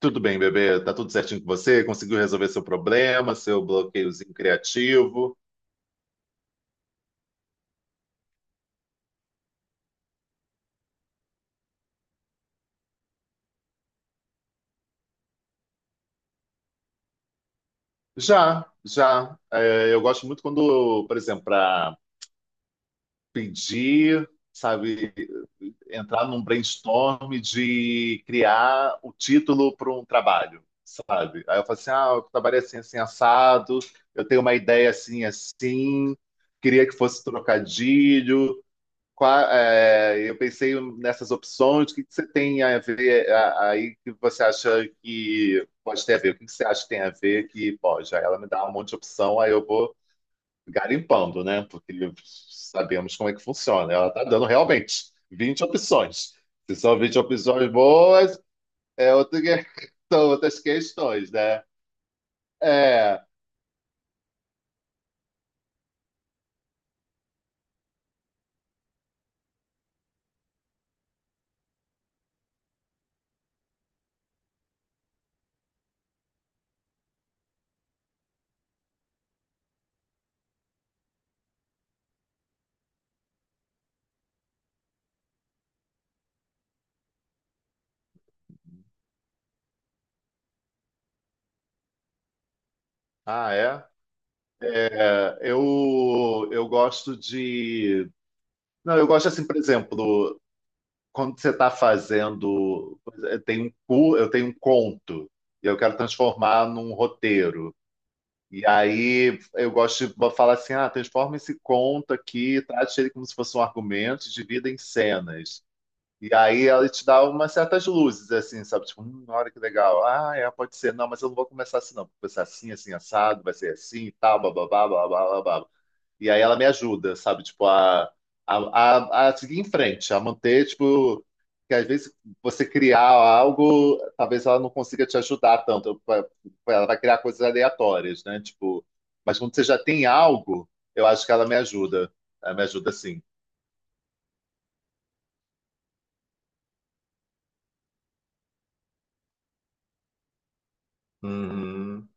Tudo bem, bebê? Tá tudo certinho com você? Conseguiu resolver seu problema, seu bloqueiozinho criativo? Já, já. É, eu gosto muito quando, por exemplo, para pedir, sabe, entrar num brainstorm de criar o título para um trabalho, sabe? Aí eu falo assim, ah, o trabalho é assim, assim, assado, eu tenho uma ideia assim, assim, queria que fosse trocadilho. É, eu pensei nessas opções, o que que você tem a ver aí que você acha que pode ter a ver? O que que você acha que tem a ver que, bom, já ela me dá um monte de opção, aí eu vou garimpando, né? Porque sabemos como é que funciona. Ela tá dando realmente vinte opções. Se são 20 opções boas, é outra, são outras questões, né? É. Ah, é? É, eu gosto de. Não, eu gosto assim, por exemplo, quando você está fazendo, eu tenho eu tenho um conto e eu quero transformar num roteiro. E aí eu gosto de falar assim, ah, transforma esse conto aqui, trate ele como se fosse um argumento, e divida em cenas. E aí ela te dá umas certas luzes, assim, sabe? Tipo, olha que legal. Ah, é, pode ser. Não, mas eu não vou começar assim, não. Vou começar assim, assim, assado, vai ser assim, e tal, bababá, babá, babá. E aí ela me ajuda, sabe? Tipo, a seguir em frente, a manter, tipo, que às vezes você criar algo, talvez ela não consiga te ajudar tanto. Ela vai criar coisas aleatórias, né? Tipo, mas quando você já tem algo, eu acho que ela me ajuda. Ela me ajuda sim. Uhum.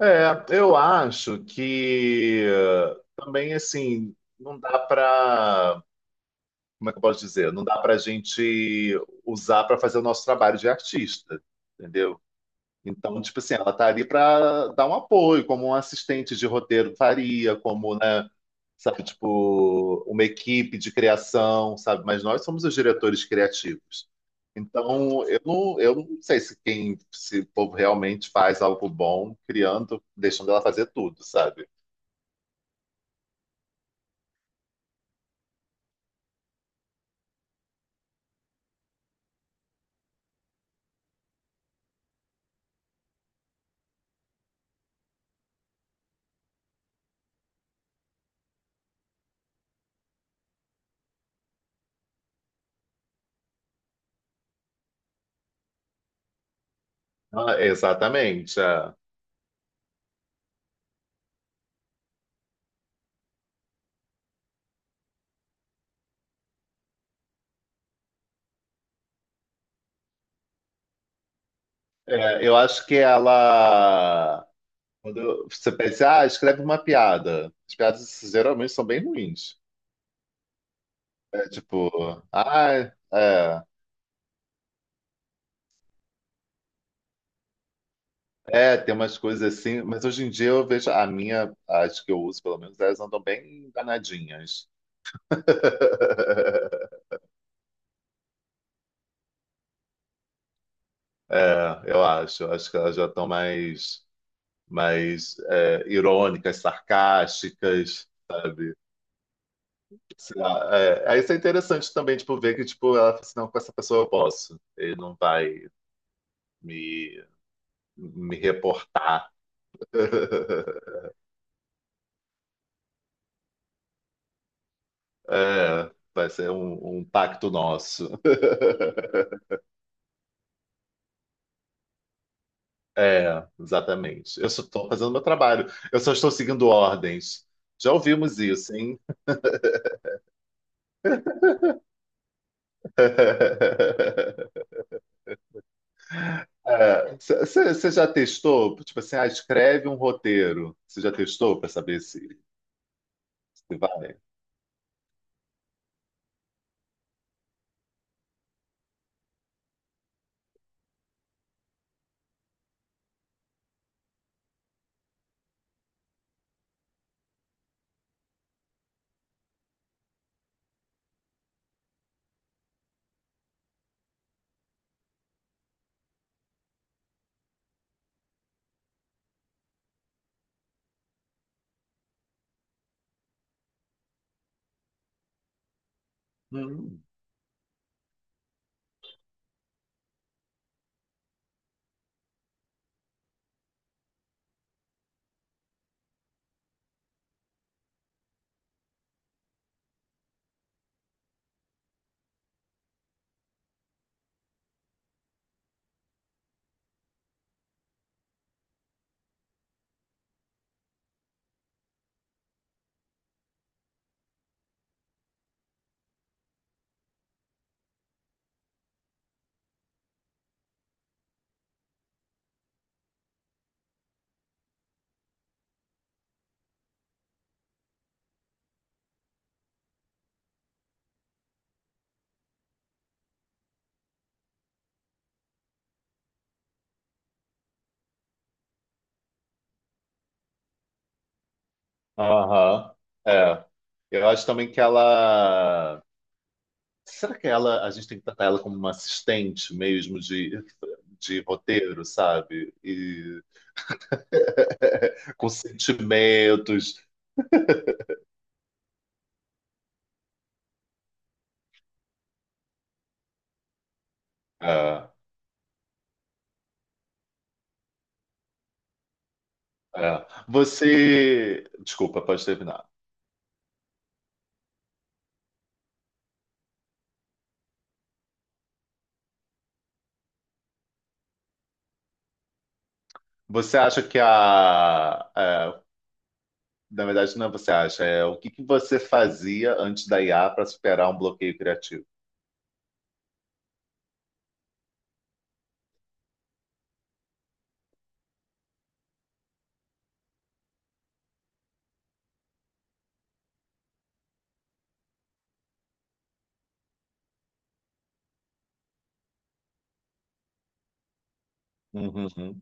É, eu acho que também assim, não dá para, como é que eu posso dizer? Não dá para a gente usar para fazer o nosso trabalho de artista, entendeu? Então, tipo assim, ela tá ali para dar um apoio, como um assistente de roteiro faria, como, né, sabe, tipo, uma equipe de criação, sabe? Mas nós somos os diretores criativos. Então, eu não sei se quem, se o povo realmente faz algo bom criando, deixando ela fazer tudo, sabe? Ah, exatamente. É. É, eu acho que ela. Quando você pensa, ah, escreve uma piada. As piadas geralmente são bem ruins. É tipo, ah, é, é, tem umas coisas assim, mas hoje em dia eu vejo a minha, as que eu uso, pelo menos, elas andam bem danadinhas. É, eu acho, acho que elas já estão mais, mais irônicas, sarcásticas, sabe? Sei lá, é, aí isso é interessante também, tipo, ver que, tipo, ela fala assim, não, com essa pessoa eu posso, ele não vai me, me reportar. É, vai ser um pacto nosso. É, exatamente. Eu só estou fazendo meu trabalho. Eu só estou seguindo ordens. Já ouvimos isso, hein? Você já testou? Tipo assim, ah, escreve um roteiro. Você já testou para saber se vai? Hum. Aham. É. Eu acho também que ela. Será que ela, a gente tem que tratar ela como uma assistente mesmo de roteiro, sabe? E com sentimentos. É, é. Você. Desculpa, pode terminar. Você acha que a. É, na verdade, não é você acha, é o que que você fazia antes da IA para superar um bloqueio criativo? Uhum,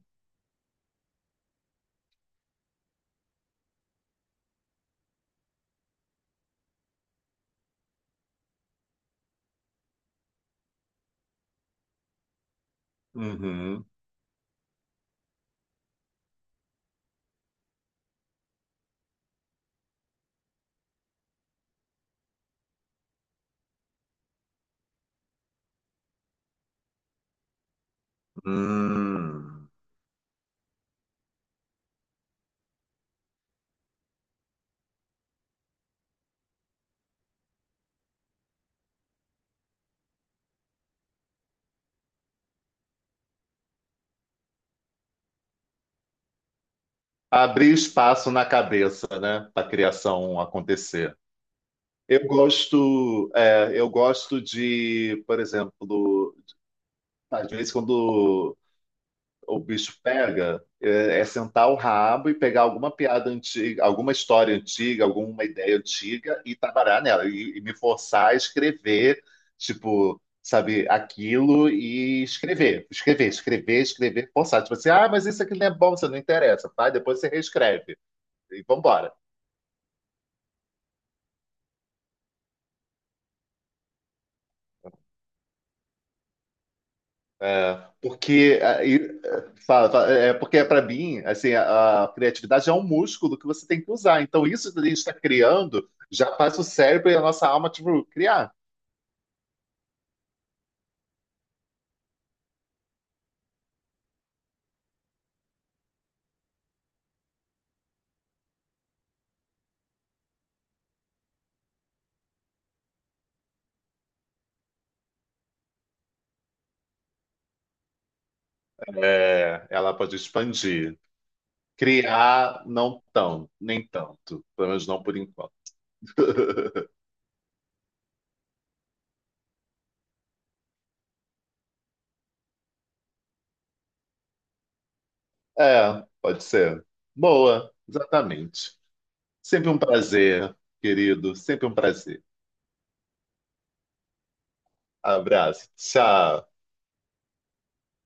uhum. Hum. Abrir espaço na cabeça, né, para a criação acontecer. Eu gosto, é, eu gosto de, por exemplo, às vezes quando o bicho pega é sentar o rabo e pegar alguma piada antiga, alguma história antiga, alguma ideia antiga e trabalhar nela e me forçar a escrever, tipo, sabe, aquilo e escrever, escrever, escrever, escrever, forçar. Tipo assim, ah, mas isso aqui não é bom, você não interessa, tá? Depois você reescreve e vambora. É, porque aí, é, fala, fala, é é porque para mim assim a criatividade é um músculo que você tem que usar. Então isso que a gente está criando já faz o cérebro e a nossa alma tipo, criar. É, ela pode expandir. Criar não tão, nem tanto, pelo menos não por enquanto. É, pode ser. Boa, exatamente. Sempre um prazer, querido. Sempre um prazer. Abraço. Tchau.